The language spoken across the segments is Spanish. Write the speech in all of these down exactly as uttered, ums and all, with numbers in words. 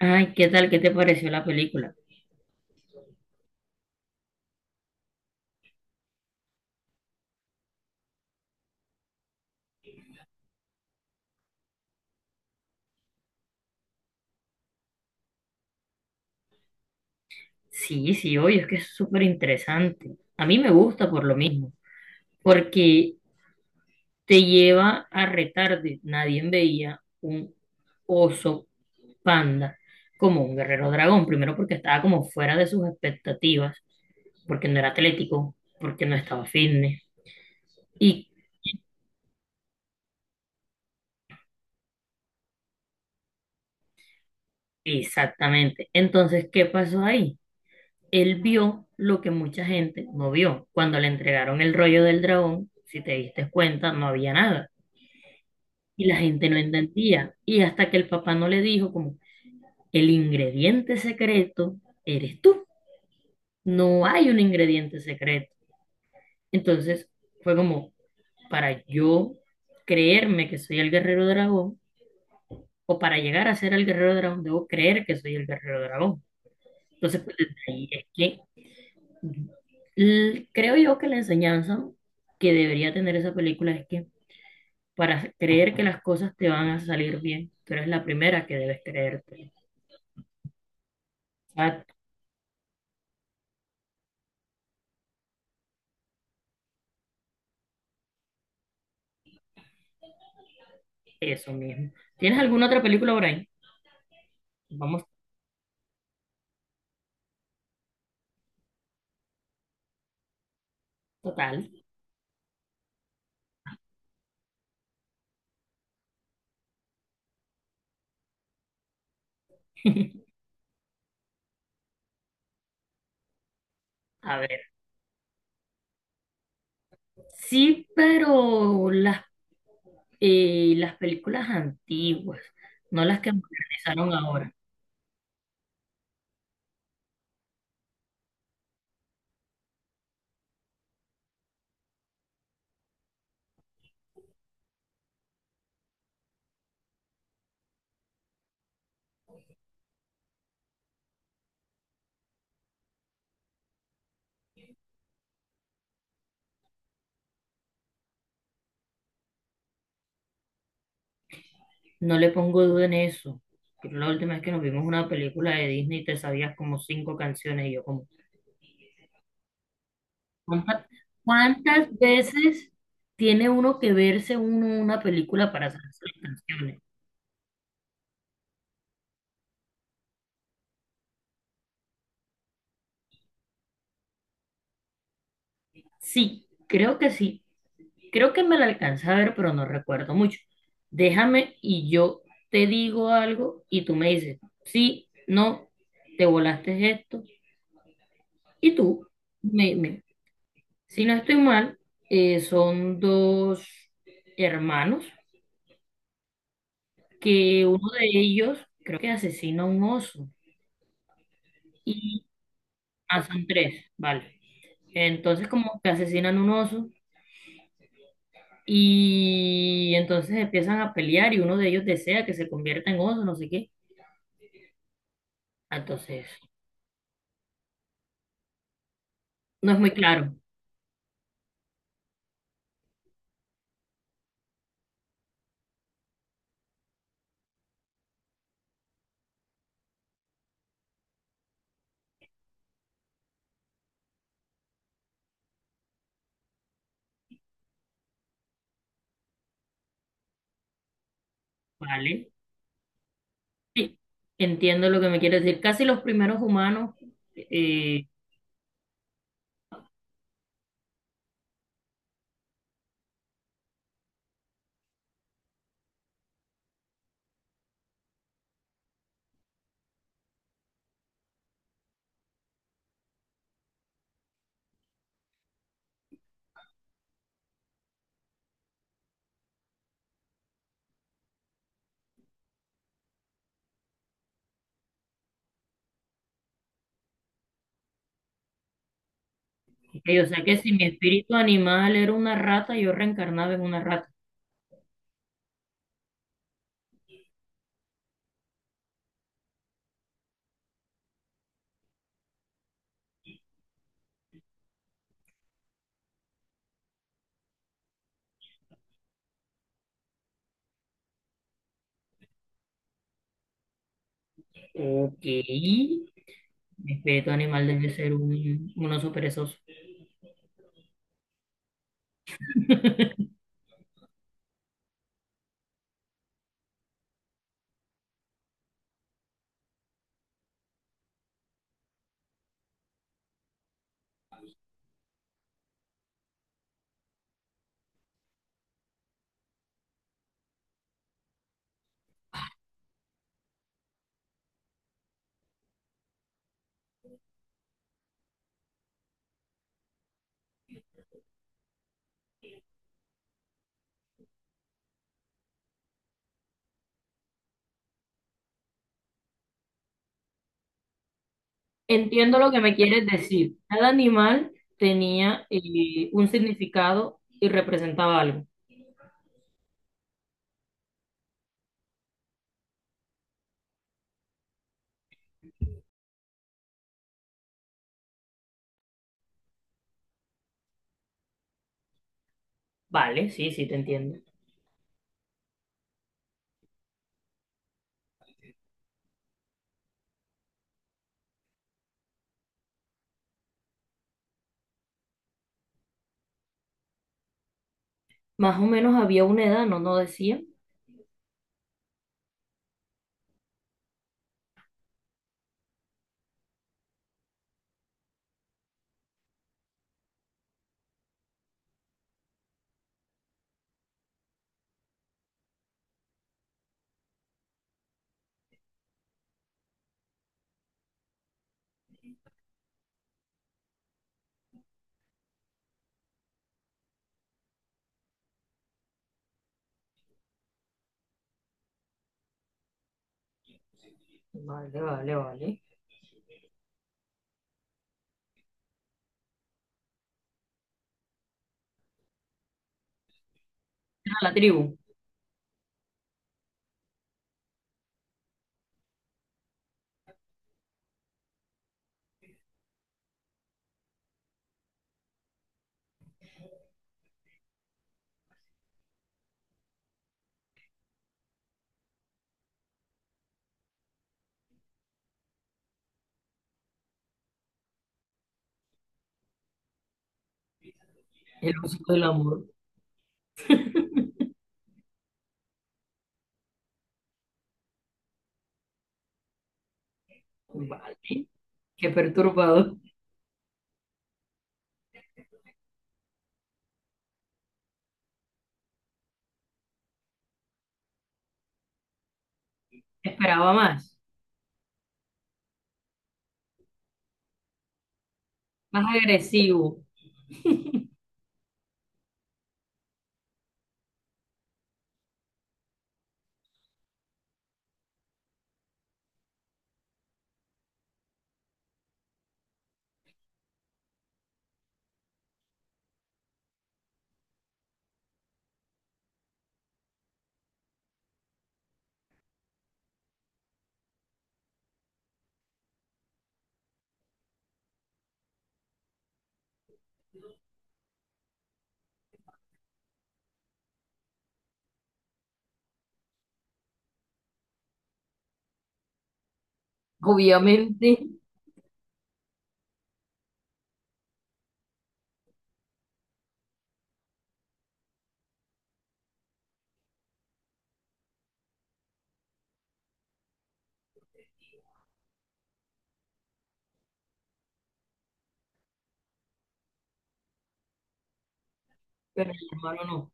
Ay, ¿qué tal? ¿Qué te pareció la película? Sí, sí, oye, es que es súper interesante. A mí me gusta por lo mismo, porque te lleva a retarde. Nadie veía un oso panda como un guerrero dragón. Primero porque estaba como fuera de sus expectativas, porque no era atlético, porque no estaba fitness. Y exactamente. Entonces, ¿qué pasó ahí? Él vio lo que mucha gente no vio. Cuando le entregaron el rollo del dragón, si te diste cuenta, no había nada. Y la gente no entendía. Y hasta que el papá no le dijo como, el ingrediente secreto eres tú. No hay un ingrediente secreto. Entonces fue como, para yo creerme que soy el guerrero dragón, o para llegar a ser el guerrero dragón, debo creer que soy el guerrero dragón. Entonces, pues desde ahí es que l- creo yo que la enseñanza que debería tener esa película es que para creer que las cosas te van a salir bien, tú eres la primera que debes creerte. Eso mismo. ¿Tienes alguna otra película por ahí? Vamos total. A ver. Sí, pero las, eh, las películas antiguas, no las que modernizaron ahora. No le pongo duda en eso. Pero la última vez que nos vimos una película de Disney te sabías como cinco canciones y yo como, ¿cuántas, cuántas veces tiene uno que verse uno una película para saberse las canciones? Sí, creo que sí. Creo que me la alcancé a ver, pero no recuerdo mucho. Déjame y yo te digo algo y tú me dices, sí, no, te volaste esto. Y tú, me, me- si no estoy mal, eh, son dos hermanos que uno de ellos creo que asesina a un oso. Y ah, son tres, vale. Entonces como que asesinan un oso y entonces empiezan a pelear y uno de ellos desea que se convierta en oso, no sé qué. Entonces... No es muy claro, ¿vale? Sí, entiendo lo que me quieres decir. Casi los primeros humanos, eh, ok, o sea que si mi espíritu animal era una rata, yo reencarnaba en una rata. Ok, mi espíritu animal debe ser un, un oso perezoso. Entiendo lo que me quieres decir. Cada animal tenía eh, un significado y representaba algo. Vale, sí, sí, te entiendo. Más o menos había una edad, ¿no? No decía. Vale, vale, vale. Era la tribu. El uso del amor. Vale. Qué perturbador. Esperaba más. Más agresivo, obviamente, pero el hermano no.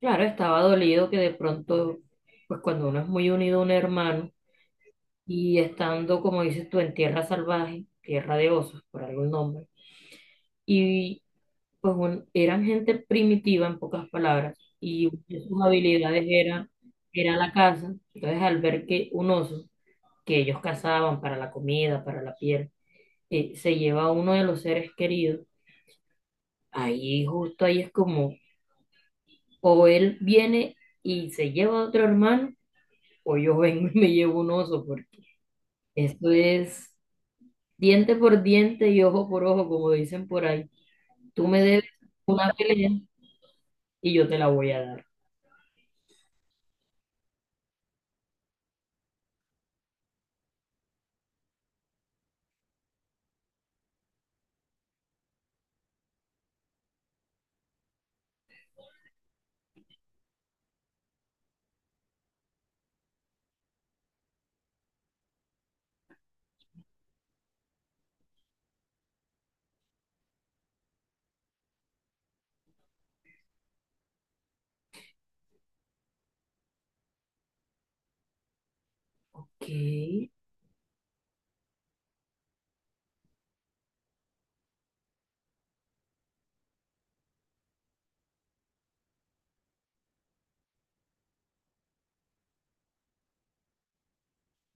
Claro, estaba dolido que de pronto, pues cuando uno es muy unido a un hermano y estando, como dices tú, en tierra salvaje, tierra de osos, por algún nombre, y pues un- eran gente primitiva, en pocas palabras, y una de sus habilidades era, era la caza. Entonces, al ver que un oso que ellos cazaban para la comida, para la piel, eh, se lleva a uno de los seres queridos, ahí justo ahí es como, o él viene y se lleva a otro hermano, o yo vengo y me llevo un oso, porque esto es diente por diente y ojo por ojo, como dicen por ahí. Tú me debes una pelea y yo te la voy a dar. Ok,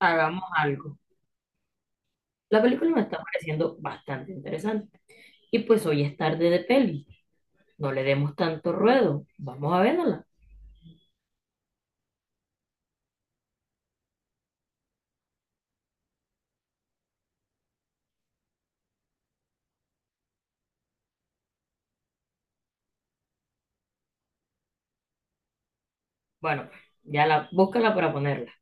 hagamos algo. La película me está pareciendo bastante interesante. Y pues hoy es tarde de peli. No le demos tanto ruedo. Vamos a verla. Bueno, ya la, búscala para ponerla.